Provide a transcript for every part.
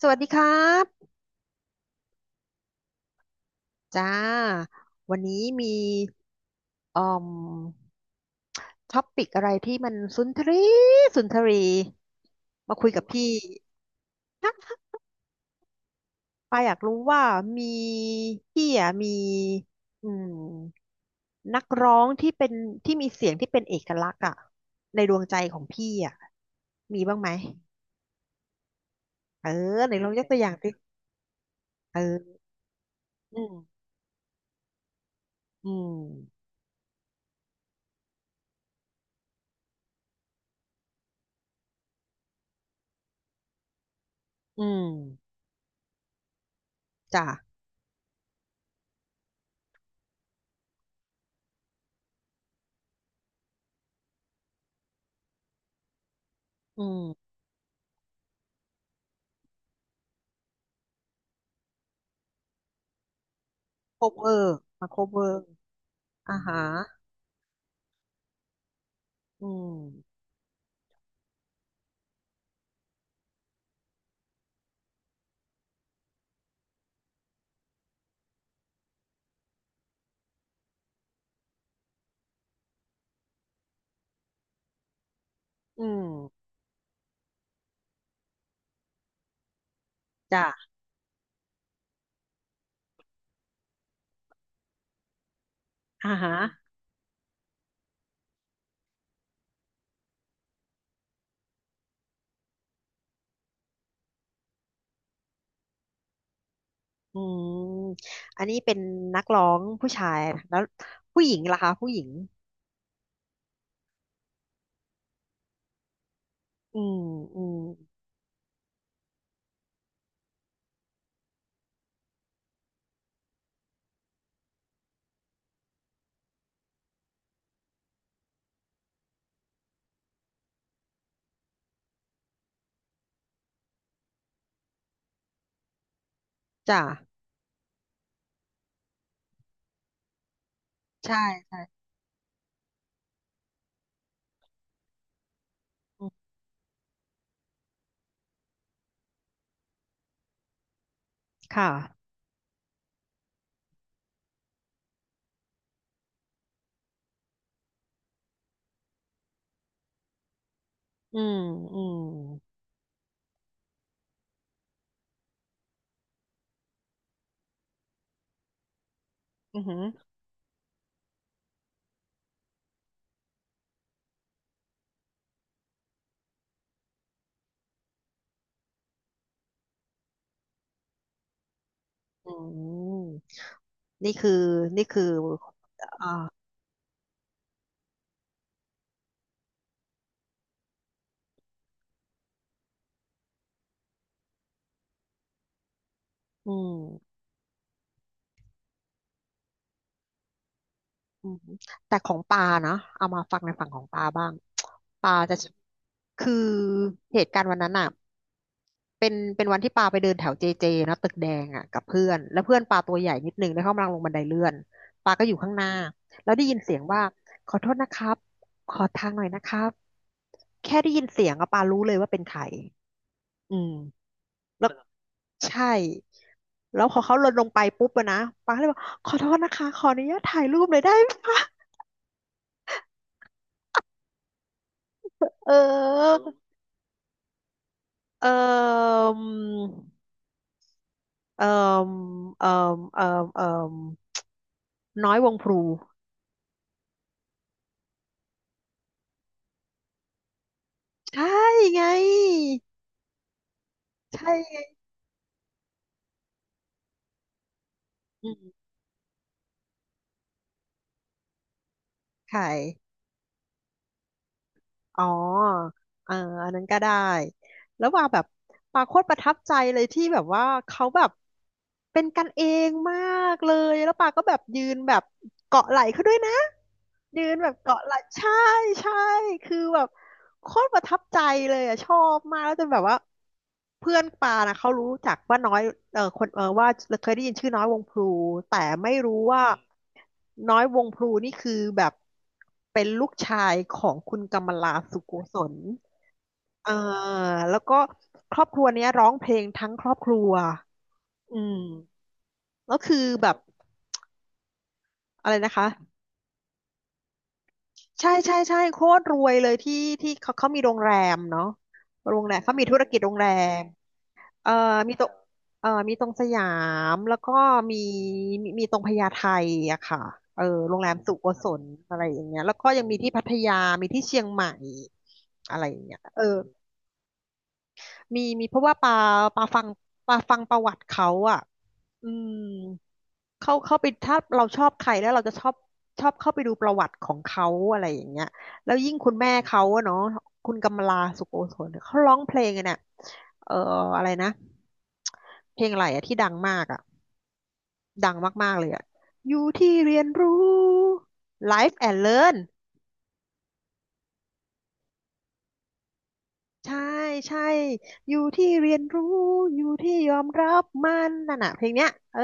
สวัสดีครับจ้าวันนี้มีอืมท็อปิกอะไรที่มันสุนทรีสุนทรีมาคุยกับพี่นะปาอยากรู้ว่ามีพี่อ่ะมีอืมนักร้องที่เป็นที่มีเสียงที่เป็นเอกลักษณ์อ่ะในดวงใจของพี่อ่ะมีบ้างไหมเออไหนลองยกตัวอย่างสิเอออืมอืมอืมจ้ะอืมโคเวอร์มาโคเวอร์ อ่าฮะอืมอืมจ้ะอ่าฮะอืมอันนี้เป็นนักร้องผู้ชายนะแล้วผู้หญิงล่ะคะผู้หญิง อืมอืมจ้ะใช่อืมค่ะ อืมอืมอือหืออืมนี่คือนี่คืออ่าอืมอืมแต่ของปานะเอามาฟังในฝั่งของปาบ้างปาจะ คือ เหตุการณ์วันนั้นอ่ะ เป็นวันที่ปาไปเดินแถวเจเจนะตึกแดงอ่ะกับเพื่อนแล้วเพื่อนปาตัวใหญ่นิดนึงแล้วเขากำลังลงบันไดเลื่อนปาก็อยู่ข้างหน้าแล้วได้ยินเสียงว่าขอโทษนะครับขอทางหน่อยนะครับแค่ได้ยินเสียงอะปารู้เลยว่าเป็นใครอืมแล้วใช่แล้วพอเขาลดลงไปปุ๊บอะนะปาก็เลยบอกขอโทษนะคะขออนุญาตถ่ายรูปหน่อยได้ไหมคะเออเออเออเออเออเออน้อยวงพลู ใช่ไง ใช่ไงอืมไข่อ๋อเอออันนั้นก็ได้ แล้วว่าแบบปาโคตรประทับใจเลยที่แบบว่าเขาแบบเป็นกันเองมากเลย แล้วปาก็แบบยืนแบบเกาะไหล่เขาด้วยนะ ยืนแบบเกาะไหล่ใช่ ใช่ คือแบบ โคตรประทับใจเลยอ่ะชอบมากแล้วจนแบบว่าเพื่อนปานะเขารู้จักว่าน้อยเออคนเออว่าเคยได้ยินชื่อน้อยวงพลูแต่ไม่รู้ว่าน้อยวงพลูนี่คือแบบเป็นลูกชายของคุณกำมลาสุโกศลเออแล้วก็ครอบครัวเนี้ยร้องเพลงทั้งครอบครัวอืมแล้วคือแบบอะไรนะคะใช่ใช่ใช่โคตรรวยเลยที่ที่เขามีโรงแรมเนาะโรงแรมเขามีธุรกิจโรงแรม เอ่อมีตรงเอ่อมีตรงสยามแล้วก็มีมีตรงพญาไทอะค่ะเออโรงแรมสุโกศลอะไรอย่างเงี้ยแล้วก็ยังมีที่พัทยามีที่เชียงใหม่อะไรอย่างเงี้ยเออมีมีเพราะว่าปาปาฟังปาฟังประวัติเขาอะอืม เข้าเข้าไปถ้าเราชอบใครแล้วเราจะชอบชอบเข้าไปดูประวัติของเขาอะไรอย่างเงี้ยแล้วยิ่งคุณแม่เขาอะเนาะคุณกำลาสุโกศลเขาร้องเพลงอะเนี่ยเอ่ออะไรนะเพลงอะไรอะที่ดังมากอะดังมากๆเลยอะอยู่ที่เรียนรู้ Life and Learn ใช่ใช่อยู่ที่เรียนรู้อยู่ที่ยอมรับมันนั่นน่ะเพลงเนี้ยเออ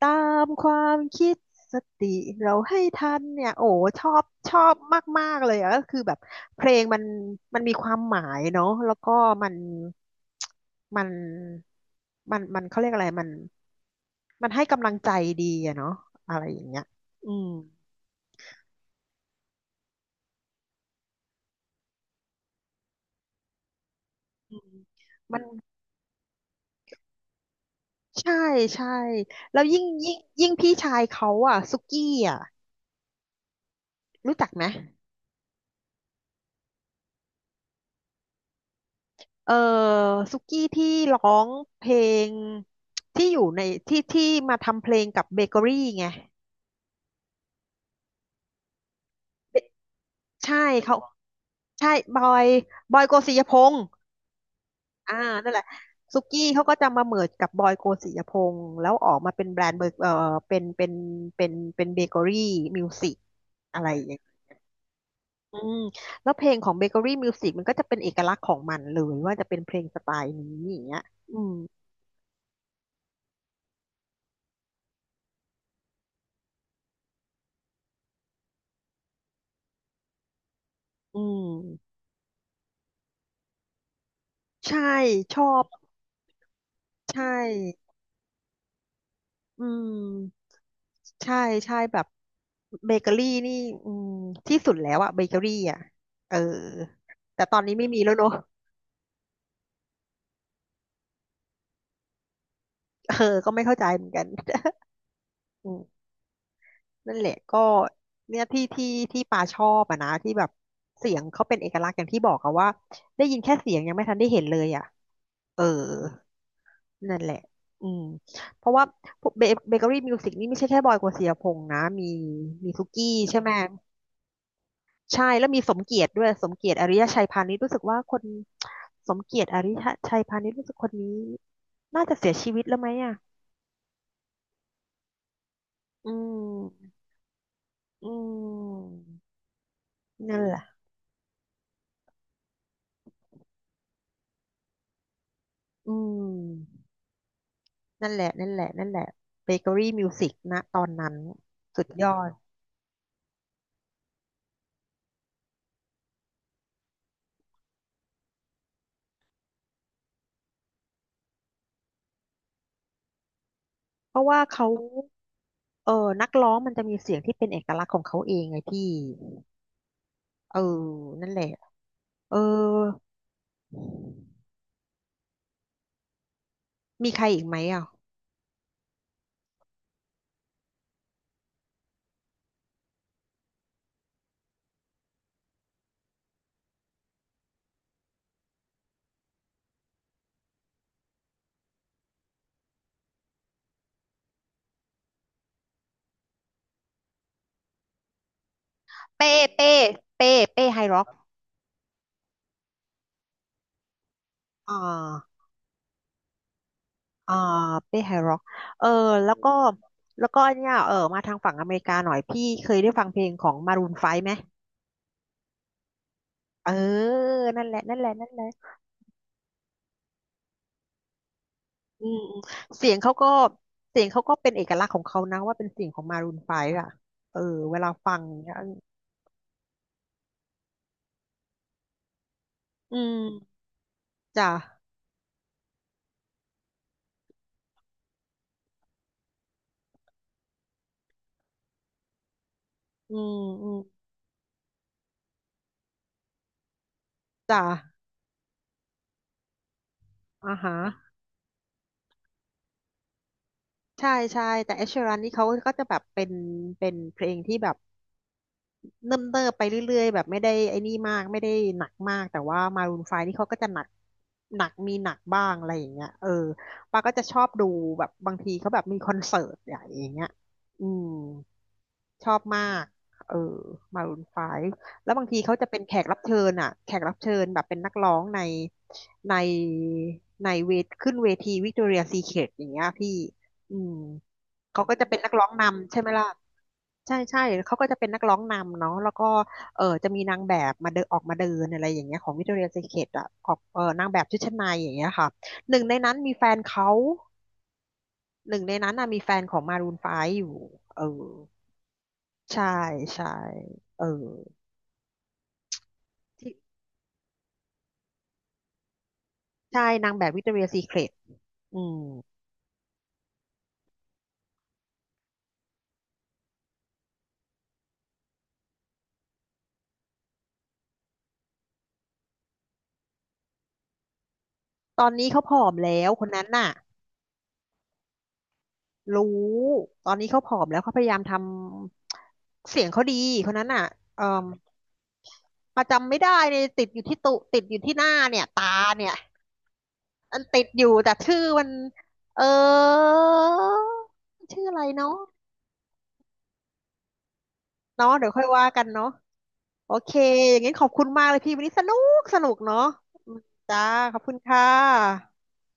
ตามความคิดสติเราให้ทันเนี่ยโอ้ชอบชอบมากๆเลยอะก็คือแบบเพลงมันมีความหมายเนาะแล้วก็มันมันมันเขาเรียกอะไรมันมันให้กำลังใจดีอะเนาะอะไรอย่างเงี้ยอืมอืมมันใช่ใช่แล้วยิ่งพี่ชายเขาอ่ะซุกี้อ่ะรู้จักไหม เออซุกี้ที่ร้องเพลงที่อยู่ในที่มาทำเพลงกับเบเกอรี่ไงใช่เขาใช่บอยบอยโกสิยพงษ์อ่านั่นแหละซุกี้เขาก็จะมาเมิร์จกับบอยโกสิยพงษ์แล้วออกมาเป็นแบรนด์เบอร์เออเป็นเป็นเป็นเป็นเบเกอรี่มิวสิกอะไรอย่างเงี้ยอืมแล้วเพลงของเบเกอรี่มิวสิกมันก็จะเป็นเอกลักษณ์ของมันเลยว่าจะเป็นเพลงสไตล์นี้อย่างเงี้ยอืมอืมใช่ชอบใช่ อืมใช่ใช่แบบเบเกอรี่นี่อืมที่สุดแล้วอะเบเกอรี่อะเออแต่ตอนนี้ไม่มีแล้วเนอะ เออก็ไม่เข้าใจเหมือนกัน อืมนั่นแหละก็เนี่ยที่ปาชอบอะนะที่แบบเสียงเขาเป็นเอกลักษณ์อย่างที่บอกอะว่าได้ยินแค่เสียงยังไม่ทันได้เห็นเลยอะเออนั่นแหละอืมเพราะว่าเบเกอรี่มิวสิกนี่ไม่ใช่แค่บอยกฤษณเสียพงษ์นะมีมีซุกี้ใช่ไหม ใช่แล้วมีสมเกียรติด้วยสมเกียรติอริยชัยพานิชรู้สึกว่าคนสมเกียรติอริยชัยพานิชรู้สึกคนนี้น่าจะเสียชีวิตแล้วไหมอ่ะอืมอืมนั่นแหละอืมนั่นแหละนั่นแหละนั่นแหละเบเกอรี่มิวสิกนะตอนนั้นสุดยอดเพราะว่าเขาเออนักร้องมันจะมีเสียงที่เป็นเอกลักษณ์ของเขาเองไงพี่เออนั่นแหละเออมีใครอีกไหมอ่ะเป้เป้เป้เป้ไฮร็อกอ่า อ่าเป้ไฮร็อกเออแล้วก็แล้วก็อันเนี้ยมาทางฝั่งอเมริกาหน่อยพี่เคยได้ฟังเพลงของมารูนไฟว์ไหมเออนั่นแหละนั่นแหละนั่นแหละอืมอืมเสียงเขาก็เสียงเขาก็เป็นเอกลักษณ์ของเขานะว่าเป็นเสียงของมารูนไฟว์อะเออเวลาฟังเนี่ยอืมจ้ะอืมอืมจ้ะอ่าฮะใช่ใช่แต่เอชรันนี่เขาก็จะแบบเป็นเพลงที่แบบ เนิ่มเนิบไปเรื่อยๆแบบไม่ได้ไอ้นี่มากไม่ได้หนักมากแต่ว่ามารูนไฟนี่เขาก็จะหนักหนักมีหนักบ้างอะไรอย่างเงี้ยเออปาก็จะชอบดูแบบบางทีเขาแบบมีคอนเสิร์ตใหญ่อย่างเงี้ยอืมชอบมากเออมารูนไฟแล้วบางทีเขาจะเป็นแขกรับเชิญอ่ะแขกรับเชิญแบบเป็นนักร้องในในเวทขึ้นเวทีวิกตอเรียซีเครตอย่างเงี้ยพี่อืมเขาก็จะเป็นนักร้องนำใช่ไหมล่ะ ใช่ใช่เขาก็จะเป็นนักร้องนำเนาะแล้วก็เออจะมีนางแบบมาเดินออกมาเดินอะไรอย่างเงี้ยของวิ c t o r i a ย s ีเ e ตอ่ะออกนางแบบชุดชั้นในอย่างเงี้ยค่ะหนึ่งในนั้นมีแฟนเขาหนึ่งในนั้นน่ะมีแฟนของมารูนไฟว์อยู่เออใช่ใช่เออที่ใช่นางแบบวิ c t o r i a ย s ีเ e ตอืมตอนนี้เขาผอมแล้วคนนั้นน่ะรู้ ตอนนี้เขาผอมแล้วเขาพยายามทำเสียงเขาดีคนนั้นน่ะเออ ประจำไม่ได้เลยติดอยู่ที่หน้าเนี่ยตาเนี่ยมันติดอยู่แต่ชื่อมันเออชื่ออะไรเนาะเนาะเดี๋ยวค่อยว่ากันเนาะโอเคอย่างงั้นขอบคุณมากเลยพี่วันนี้สนุกเนาะอืมจ้าขอบคุณค่ะ